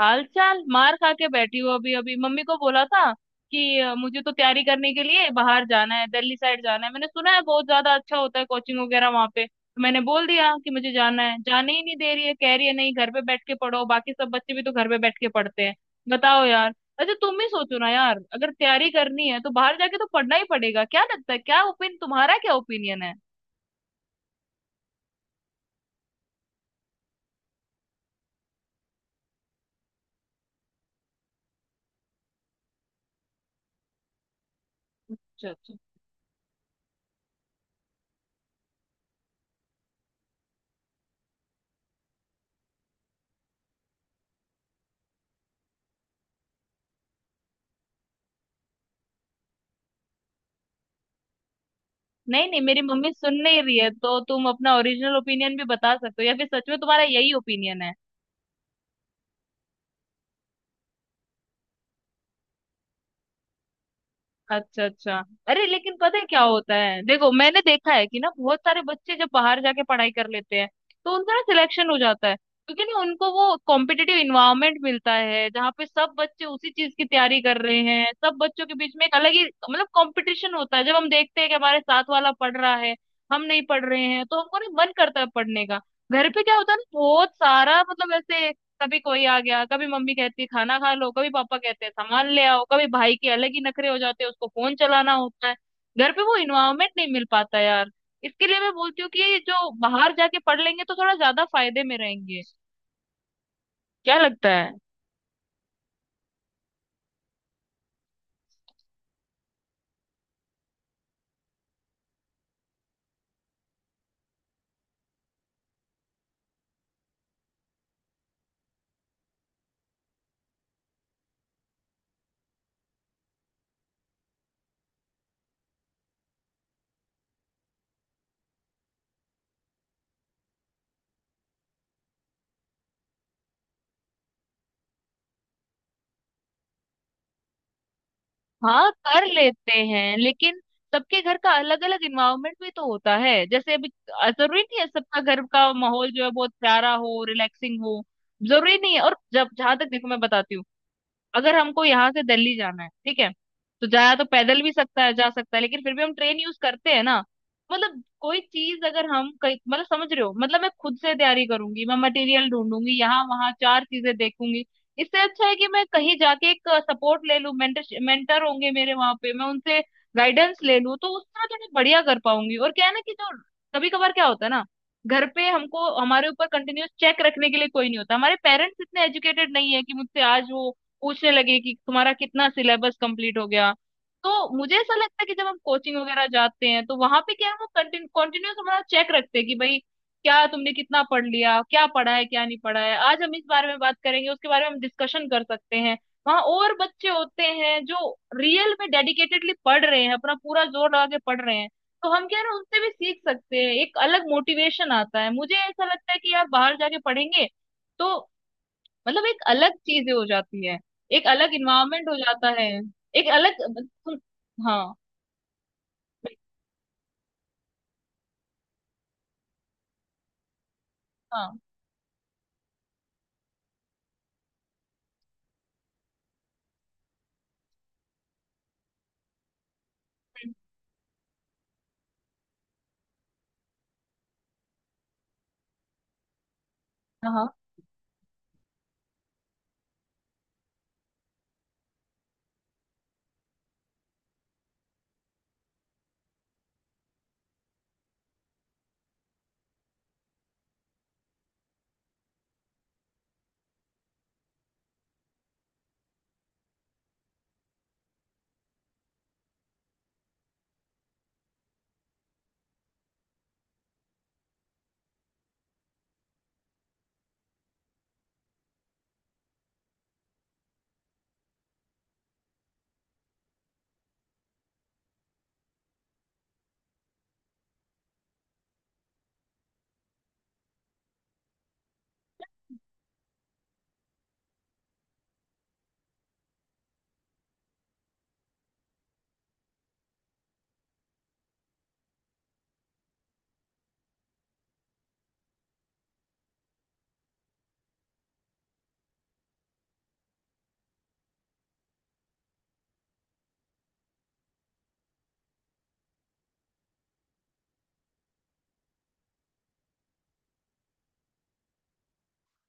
हाल चाल मार खा के बैठी हूँ। अभी अभी मम्मी को बोला था कि मुझे तो तैयारी करने के लिए बाहर जाना है, दिल्ली साइड जाना है। मैंने सुना है बहुत ज्यादा अच्छा होता है कोचिंग वगैरह वहां पे, तो मैंने बोल दिया कि मुझे जाना है। जाने ही नहीं दे रही है, कह रही है नहीं घर पे बैठ के पढ़ो, बाकी सब बच्चे भी तो घर पे बैठ के पढ़ते हैं। बताओ यार। अच्छा, तुम ही सोचो ना यार, अगर तैयारी करनी है तो बाहर जाके तो पढ़ना ही पड़ेगा। क्या लगता है? क्या ओपिनियन तुम्हारा? क्या ओपिनियन है? अच्छा अच्छा। नहीं नहीं, मेरी मम्मी सुन नहीं रही है, तो तुम अपना ओरिजिनल ओपिनियन भी बता सकते हो, या फिर सच में तुम्हारा यही ओपिनियन है? अच्छा अच्छा। अरे लेकिन पता है क्या होता है? देखो, मैंने देखा है कि ना, बहुत सारे बच्चे जब बाहर जाके पढ़ाई कर लेते हैं तो उनका ना सिलेक्शन हो जाता है। क्योंकि ना उनको वो कॉम्पिटिटिव इन्वायरमेंट मिलता है जहाँ पे सब बच्चे उसी चीज की तैयारी कर रहे हैं। सब बच्चों के बीच में एक अलग ही मतलब कंपटीशन होता है। जब हम देखते हैं कि हमारे साथ वाला पढ़ रहा है, हम नहीं पढ़ रहे हैं, तो हमको ना मन करता है पढ़ने का। घर पे क्या होता है ना, बहुत सारा मतलब ऐसे, कभी कोई आ गया, कभी मम्मी कहती है खाना खा लो, कभी पापा कहते हैं सामान ले आओ, कभी भाई के अलग ही नखरे हो जाते हैं, उसको फोन चलाना होता है। घर पे वो इन्वायरमेंट नहीं मिल पाता यार। इसके लिए मैं बोलती हूँ कि ये जो बाहर जाके पढ़ लेंगे तो थोड़ा ज्यादा फायदे में रहेंगे। क्या लगता है? हाँ कर लेते हैं, लेकिन सबके घर का अलग अलग इन्वायरमेंट भी तो होता है। जैसे अभी जरूरी नहीं है सबका घर का माहौल जो है बहुत प्यारा हो, रिलैक्सिंग हो, जरूरी नहीं है। और जब, जहां तक, देखो मैं बताती हूँ, अगर हमको यहाँ से दिल्ली जाना है, ठीक है, तो जाया तो पैदल भी सकता है, जा सकता है, लेकिन फिर भी हम ट्रेन यूज करते हैं ना। मतलब कोई चीज अगर हम कहीं, मतलब समझ रहे हो, मतलब मैं खुद से तैयारी करूंगी, मैं मटेरियल ढूंढूंगी, यहाँ वहाँ चार चीजें देखूंगी। इससे अच्छा है कि मैं कहीं जाके एक सपोर्ट ले लूं, मेंटर मेंटर होंगे मेरे वहां पे, मैं उनसे गाइडेंस ले लूं, तो उस तरह थोड़ा बढ़िया कर पाऊंगी। और क्या है ना कि जो कभी कभार क्या होता है ना, घर पे हमको, हमारे ऊपर कंटिन्यूअस चेक रखने के लिए कोई नहीं होता। हमारे पेरेंट्स इतने एजुकेटेड नहीं है कि मुझसे आज वो पूछने लगे कि तुम्हारा कितना सिलेबस कंप्लीट हो गया। तो मुझे ऐसा लगता है कि जब हम कोचिंग वगैरह जाते हैं तो वहां पे क्या है, वो कंटिन्यूस हमारा चेक रखते हैं कि भाई क्या तुमने कितना पढ़ लिया, क्या पढ़ा है, क्या नहीं पढ़ा है, आज हम इस बारे में बात करेंगे, उसके बारे में हम डिस्कशन कर सकते हैं। वहाँ और बच्चे होते हैं जो रियल में डेडिकेटेडली पढ़ रहे हैं, अपना पूरा जोर लगा के पढ़ रहे हैं। तो हम क्या है ना, उनसे भी सीख सकते हैं, एक अलग मोटिवेशन आता है। मुझे ऐसा लगता है कि यार बाहर जाके पढ़ेंगे तो मतलब एक अलग चीजें हो जाती है, एक अलग इन्वायरमेंट हो जाता है, एक अलग मतलब तुम। हाँ। बिल- हाँ। हम्म, हाँ।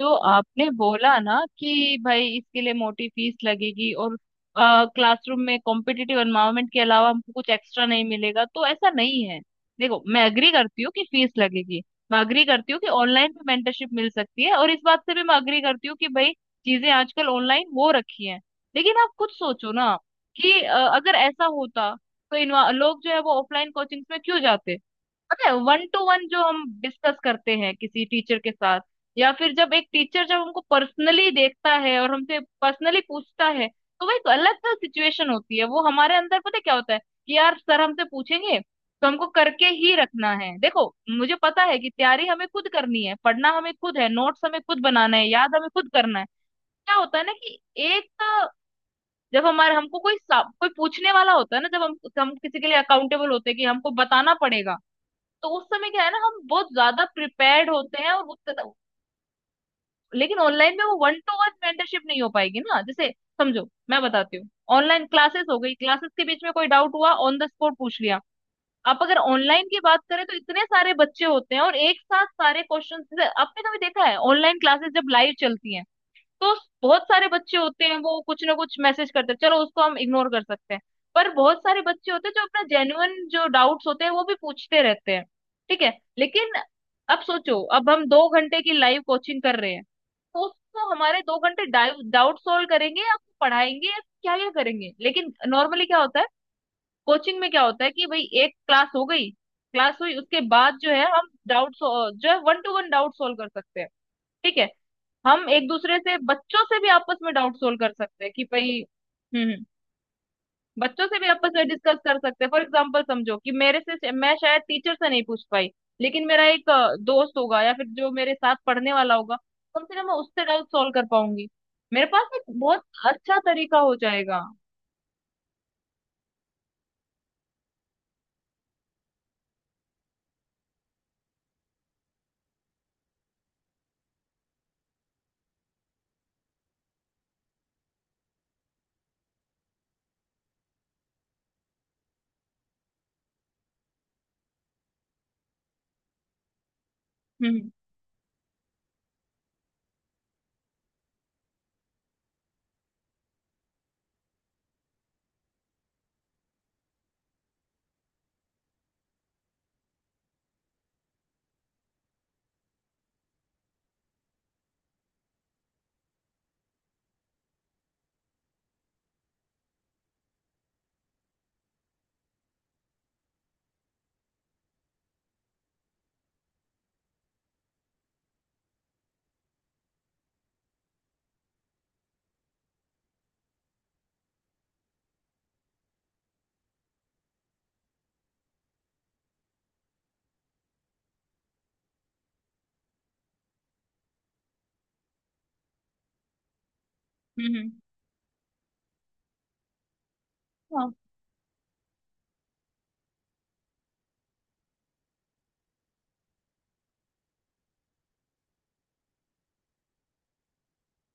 जो आपने बोला ना कि भाई इसके लिए मोटी फीस लगेगी और क्लासरूम में कॉम्पिटिटिव एनवायरनमेंट के अलावा हमको कुछ एक्स्ट्रा नहीं मिलेगा, तो ऐसा नहीं है। देखो, मैं अग्री करती हूँ कि फीस लगेगी, मैं अग्री करती हूँ कि ऑनलाइन भी मेंटरशिप मिल सकती है, और इस बात से भी मैं अग्री करती हूँ कि भाई चीजें आजकल ऑनलाइन हो रखी हैं। लेकिन आप खुद सोचो ना कि अगर ऐसा होता तो लोग जो है वो ऑफलाइन कोचिंग्स में क्यों जाते? पता है वन टू वन जो हम डिस्कस करते हैं किसी टीचर के साथ, या फिर जब एक टीचर जब हमको पर्सनली देखता है और हमसे पर्सनली पूछता है, तो वो एक अलग सा सिचुएशन होती है। वो हमारे अंदर पता है क्या होता है कि यार सर हमसे पूछेंगे तो हमको करके ही रखना है। देखो, मुझे पता है कि तैयारी हमें खुद करनी है, पढ़ना हमें खुद है, नोट्स हमें खुद बनाना है, याद हमें खुद करना है। क्या होता है ना कि एक जब हमारे, हमको कोई कोई पूछने वाला होता है ना, जब हम किसी के लिए अकाउंटेबल होते हैं कि हमको बताना पड़ेगा, तो उस समय क्या है ना, हम बहुत ज्यादा प्रिपेयर्ड होते हैं। और लेकिन ऑनलाइन में वो वन टू वन मेंटरशिप नहीं हो पाएगी ना। जैसे समझो, मैं बताती हूँ, ऑनलाइन क्लासेस हो गई, क्लासेस के बीच में कोई डाउट हुआ, ऑन द स्पॉट पूछ लिया। आप अगर ऑनलाइन की बात करें तो इतने सारे बच्चे होते हैं, और एक साथ सारे क्वेश्चन, आपने कभी देखा है ऑनलाइन क्लासेस जब लाइव चलती हैं, तो बहुत सारे बच्चे होते हैं वो कुछ ना कुछ मैसेज करते हैं। चलो उसको हम इग्नोर कर सकते हैं, पर बहुत सारे बच्चे होते हैं जो अपना जेन्युइन जो डाउट्स होते हैं वो भी पूछते रहते हैं। ठीक है, लेकिन अब सोचो, अब हम दो घंटे की लाइव कोचिंग कर रहे हैं, तो उसको हमारे दो घंटे डाउट सॉल्व करेंगे, या पढ़ाएंगे, या क्या क्या करेंगे? लेकिन नॉर्मली क्या होता है, कोचिंग में क्या होता है कि भाई एक क्लास हो गई, क्लास हुई, उसके बाद जो है हम डाउट जो है one to one doubt solve कर सकते हैं। ठीक है, हम एक दूसरे से, बच्चों से भी आपस में डाउट सोल्व कर सकते हैं कि भाई। हम्म हम्म, बच्चों से भी आपस में डिस्कस कर सकते हैं। फॉर एग्जांपल, समझो कि मेरे से, मैं शायद टीचर से नहीं पूछ पाई, लेकिन मेरा एक दोस्त होगा, या फिर जो मेरे साथ पढ़ने वाला होगा, कम से कम मैं उससे डाउट सोल्व कर पाऊंगी। मेरे पास एक बहुत अच्छा तरीका हो जाएगा। हम्म हम्म हम्म हाँ।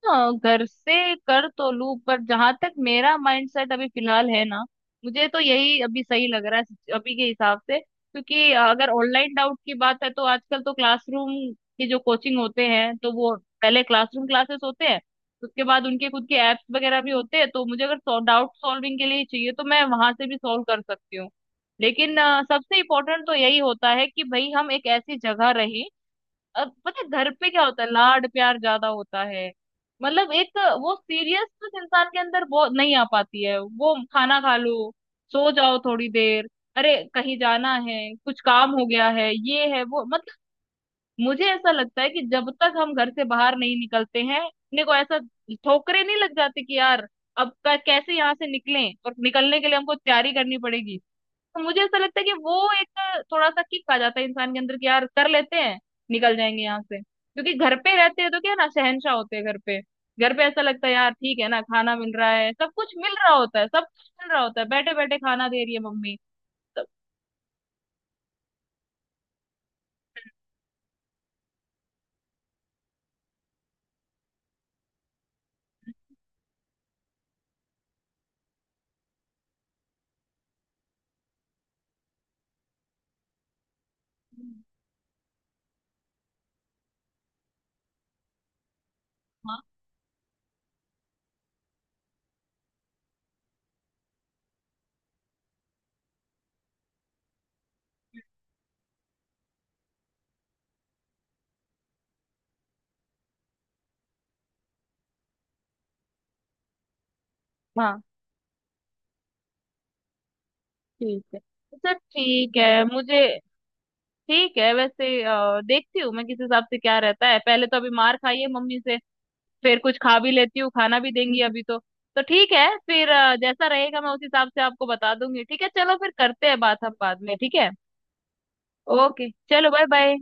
हाँ घर से कर तो लूँ, पर जहां तक मेरा माइंडसेट अभी फिलहाल है ना, मुझे तो यही अभी सही लग रहा है। अभी के हिसाब से, क्योंकि अगर ऑनलाइन डाउट की बात है तो आजकल तो क्लासरूम की जो कोचिंग होते हैं तो वो पहले क्लासरूम क्लासेस होते हैं, उसके बाद उनके खुद के एप्स वगैरह भी होते हैं। तो मुझे अगर डाउट सॉल्विंग के लिए चाहिए तो मैं वहां से भी सॉल्व कर सकती हूँ। लेकिन सबसे इम्पोर्टेंट तो यही होता है कि भाई हम एक ऐसी जगह रहें। अब पता है घर पे क्या होता है, लाड प्यार ज्यादा होता है। मतलब एक वो सीरियसनेस इंसान के अंदर वो नहीं आ पाती है। वो खाना खा लो, सो जाओ थोड़ी देर, अरे कहीं जाना है, कुछ काम हो गया है, ये है वो, मतलब। मुझे ऐसा लगता है कि जब तक हम घर से बाहर नहीं निकलते हैं, अपने को ऐसा ठोकरे नहीं लग जाते कि यार अब कैसे यहाँ से निकलें और निकलने के लिए हमको तैयारी करनी पड़ेगी। तो मुझे ऐसा लगता है कि वो एक थोड़ा सा किक आ जाता है इंसान के अंदर कि यार कर लेते हैं, निकल जाएंगे यहाँ से। क्योंकि घर पे रहते हैं तो क्या ना, शहंशाह होते हैं घर पे। घर पे ऐसा लगता है यार ठीक है ना, खाना मिल रहा है, सब कुछ मिल रहा होता है, सब कुछ मिल रहा होता है, बैठे बैठे खाना दे रही है मम्मी, सब। हाँ हाँ, ठीक है। अच्छा ठीक है, मुझे, ठीक है वैसे, देखती हूँ मैं किस हिसाब से क्या रहता है। पहले तो अभी मार खाई है मम्मी से, फिर कुछ खा भी लेती हूँ, खाना भी देंगी अभी तो। तो ठीक है, फिर जैसा रहेगा मैं उस हिसाब से आपको बता दूंगी, ठीक है? चलो फिर करते हैं बात हम बाद में, ठीक है? ओके, चलो बाय बाय।